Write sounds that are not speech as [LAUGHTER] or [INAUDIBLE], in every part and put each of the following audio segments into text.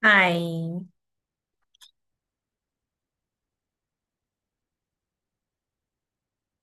嗨，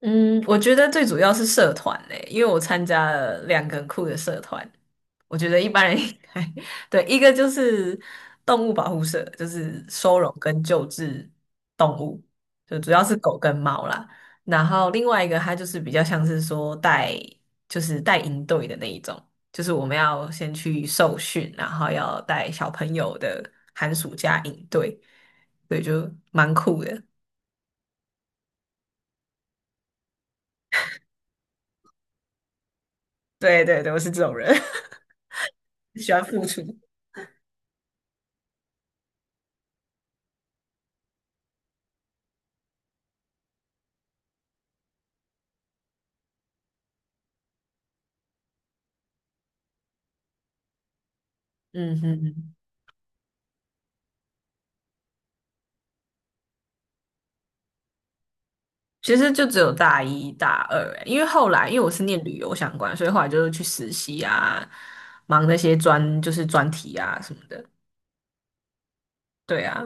嗯，我觉得最主要是社团嘞，因为我参加了2个很酷的社团，我觉得一般人应该，[LAUGHS] 对，一个就是动物保护社，就是收容跟救治动物，就主要是狗跟猫啦。然后另外一个，它就是比较像是说带，就是带营队的那一种，就是我们要先去受训，然后要带小朋友的寒暑假营队，对，就蛮酷的。对对对，我是这种人。喜欢付出。[LAUGHS] 嗯哼哼，其实就只有大一、大二欸，因为后来因为我是念旅游相关，所以后来就是去实习啊，忙那些专就是专题啊什么的。对啊，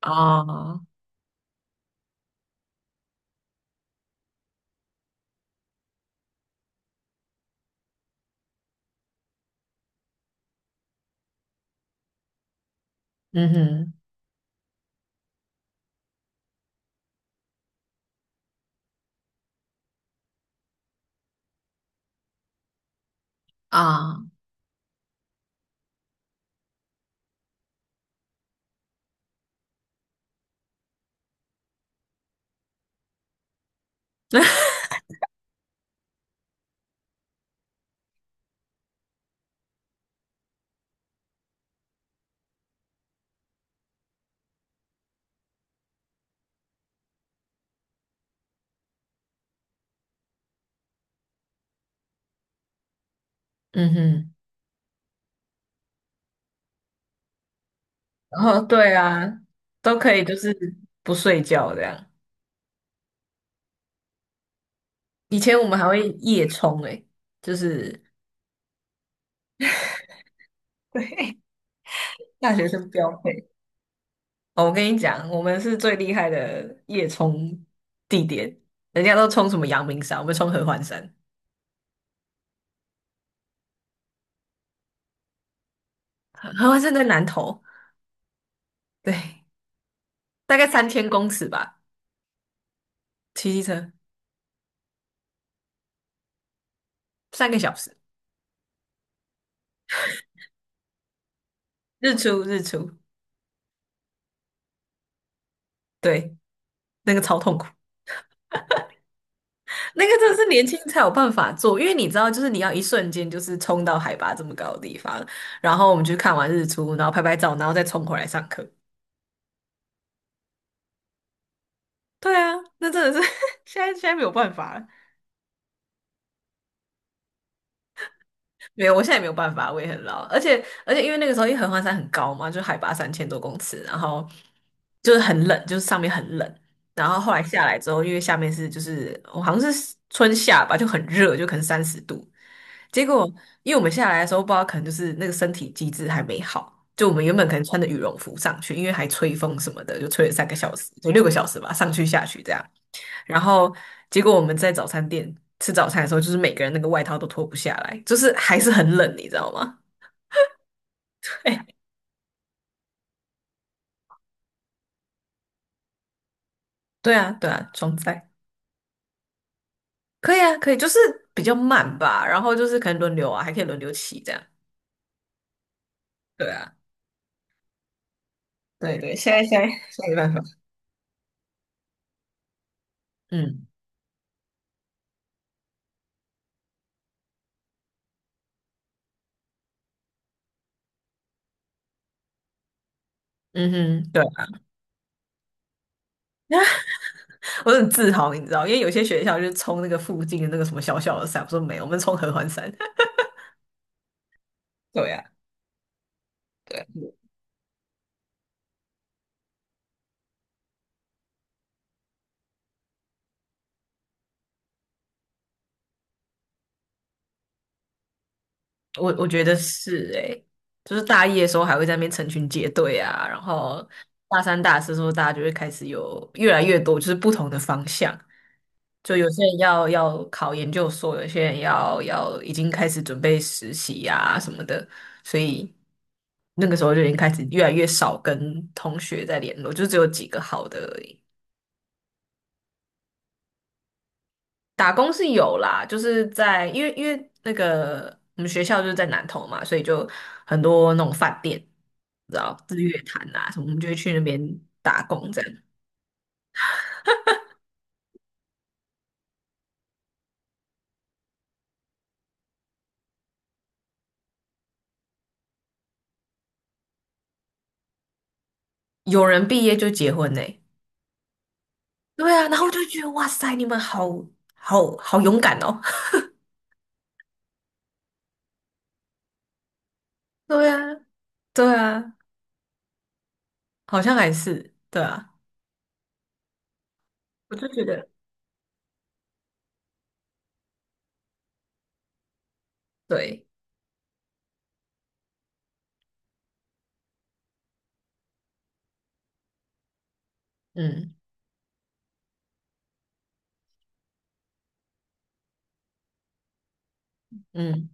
哦，嗯哼，啊，[LAUGHS] 嗯哼，然后对啊，都可以就是不睡觉这样。以前我们还会夜冲诶，就是 [LAUGHS] 对，大学生标配。哦，我跟你讲，我们是最厉害的夜冲地点，人家都冲什么阳明山，我们冲合欢山。合欢山在南投，对，大概3000公尺吧，骑机车三个小时，日出日出，对，那个超痛苦，[LAUGHS] 那个真的是年轻才有办法做，因为你知道，就是你要一瞬间就是冲到海拔这么高的地方，然后我们去看完日出，然后拍拍照，然后再冲回来上课。对啊，那真的是 [LAUGHS] 现在没有办法了。没有，我现在也没有办法，我也很老，而且因为那个时候因为合欢山很高嘛，就海拔3000多公尺，然后就是很冷，就是上面很冷，然后后来下来之后，因为下面是就是我好像是春夏吧，就很热，就可能30度，结果因为我们下来的时候不知道可能就是那个身体机制还没好，就我们原本可能穿着羽绒服上去，因为还吹风什么的，就吹了三个小时，就6个小时吧，上去下去这样。然后结果我们在早餐店吃早餐的时候，就是每个人那个外套都脱不下来，就是还是很冷，你知道吗？[LAUGHS] 哎对啊，对啊，装载可以啊，可以，就是比较慢吧，然后就是可能轮流啊，还可以轮流骑这样。对啊，对对，现在没办法。嗯嗯哼，对啊，[LAUGHS] 我很自豪，你知道，因为有些学校就是冲那个附近的那个什么小小的山，我说没有，我们冲合欢山。[LAUGHS] 对啊，对啊我觉得是诶、就是大一的时候还会在那边成群结队啊，然后大三、大四的时候，大家就会开始有越来越多就是不同的方向，就有些人要考研究所，有些人要已经开始准备实习呀、啊、什么的，所以那个时候就已经开始越来越少跟同学在联络，就只有几个好的而已。打工是有啦，就是在因为那个我们学校就是在南投嘛，所以就很多那种饭店，你知道日月潭啊什么，我们就会去那边打工这样。有人毕业就结婚呢、对啊，然后我就觉得哇塞，你们好好好勇敢哦。[LAUGHS] 对啊，对啊，好像还是对啊，我就觉得对，嗯嗯，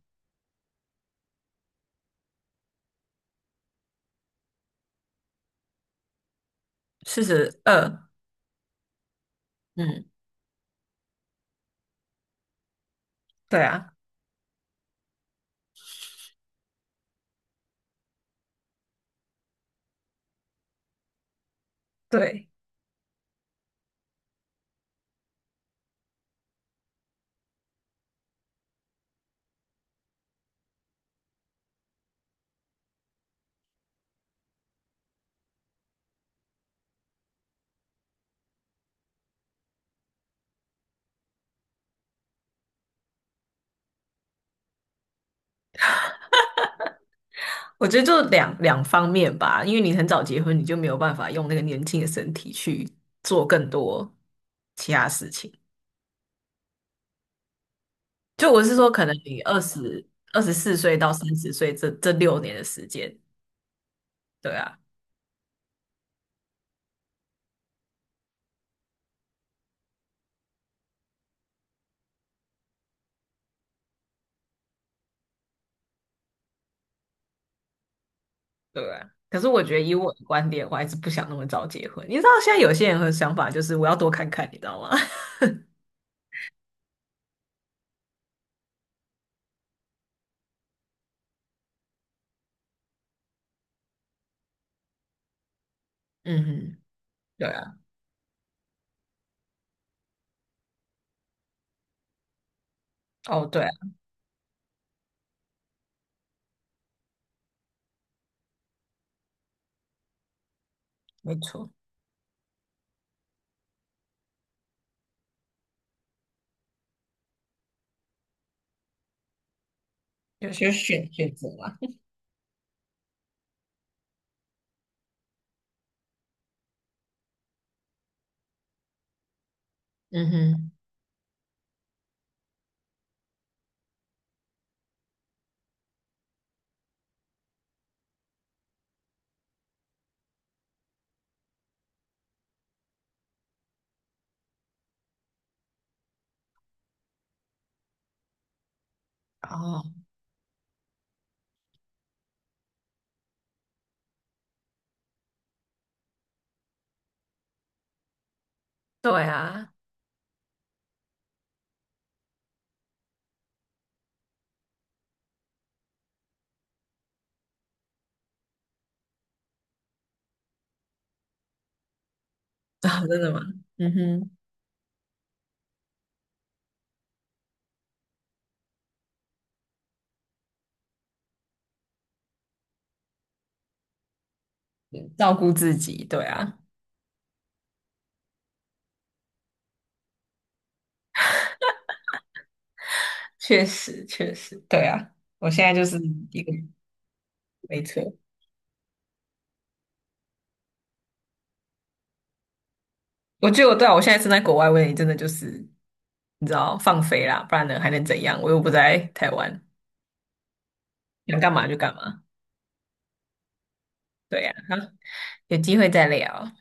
42，嗯，对啊，对。我觉得就两方面吧，因为你很早结婚，你就没有办法用那个年轻的身体去做更多其他事情。就我是说，可能你二十四岁到30岁这6年的时间，对啊，对啊。可是我觉得以我的观点，我还是不想那么早结婚。你知道现在有些人的想法就是我要多看看，你知道吗？[LAUGHS] 嗯哼，对啊，哦，对啊，没错，有些选择嘛。嗯哼，哦，对啊，[LAUGHS] 啊，真的吗？嗯哼，照顾自己，对啊。确实确实，对啊，我现在就是一个没车。我觉得我对啊，我现在身在国外，我也真的就是你知道放飞啦，不然呢还能怎样？我又不在台湾，想干嘛就干嘛。对呀、好，有机会再聊，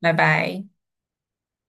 拜拜。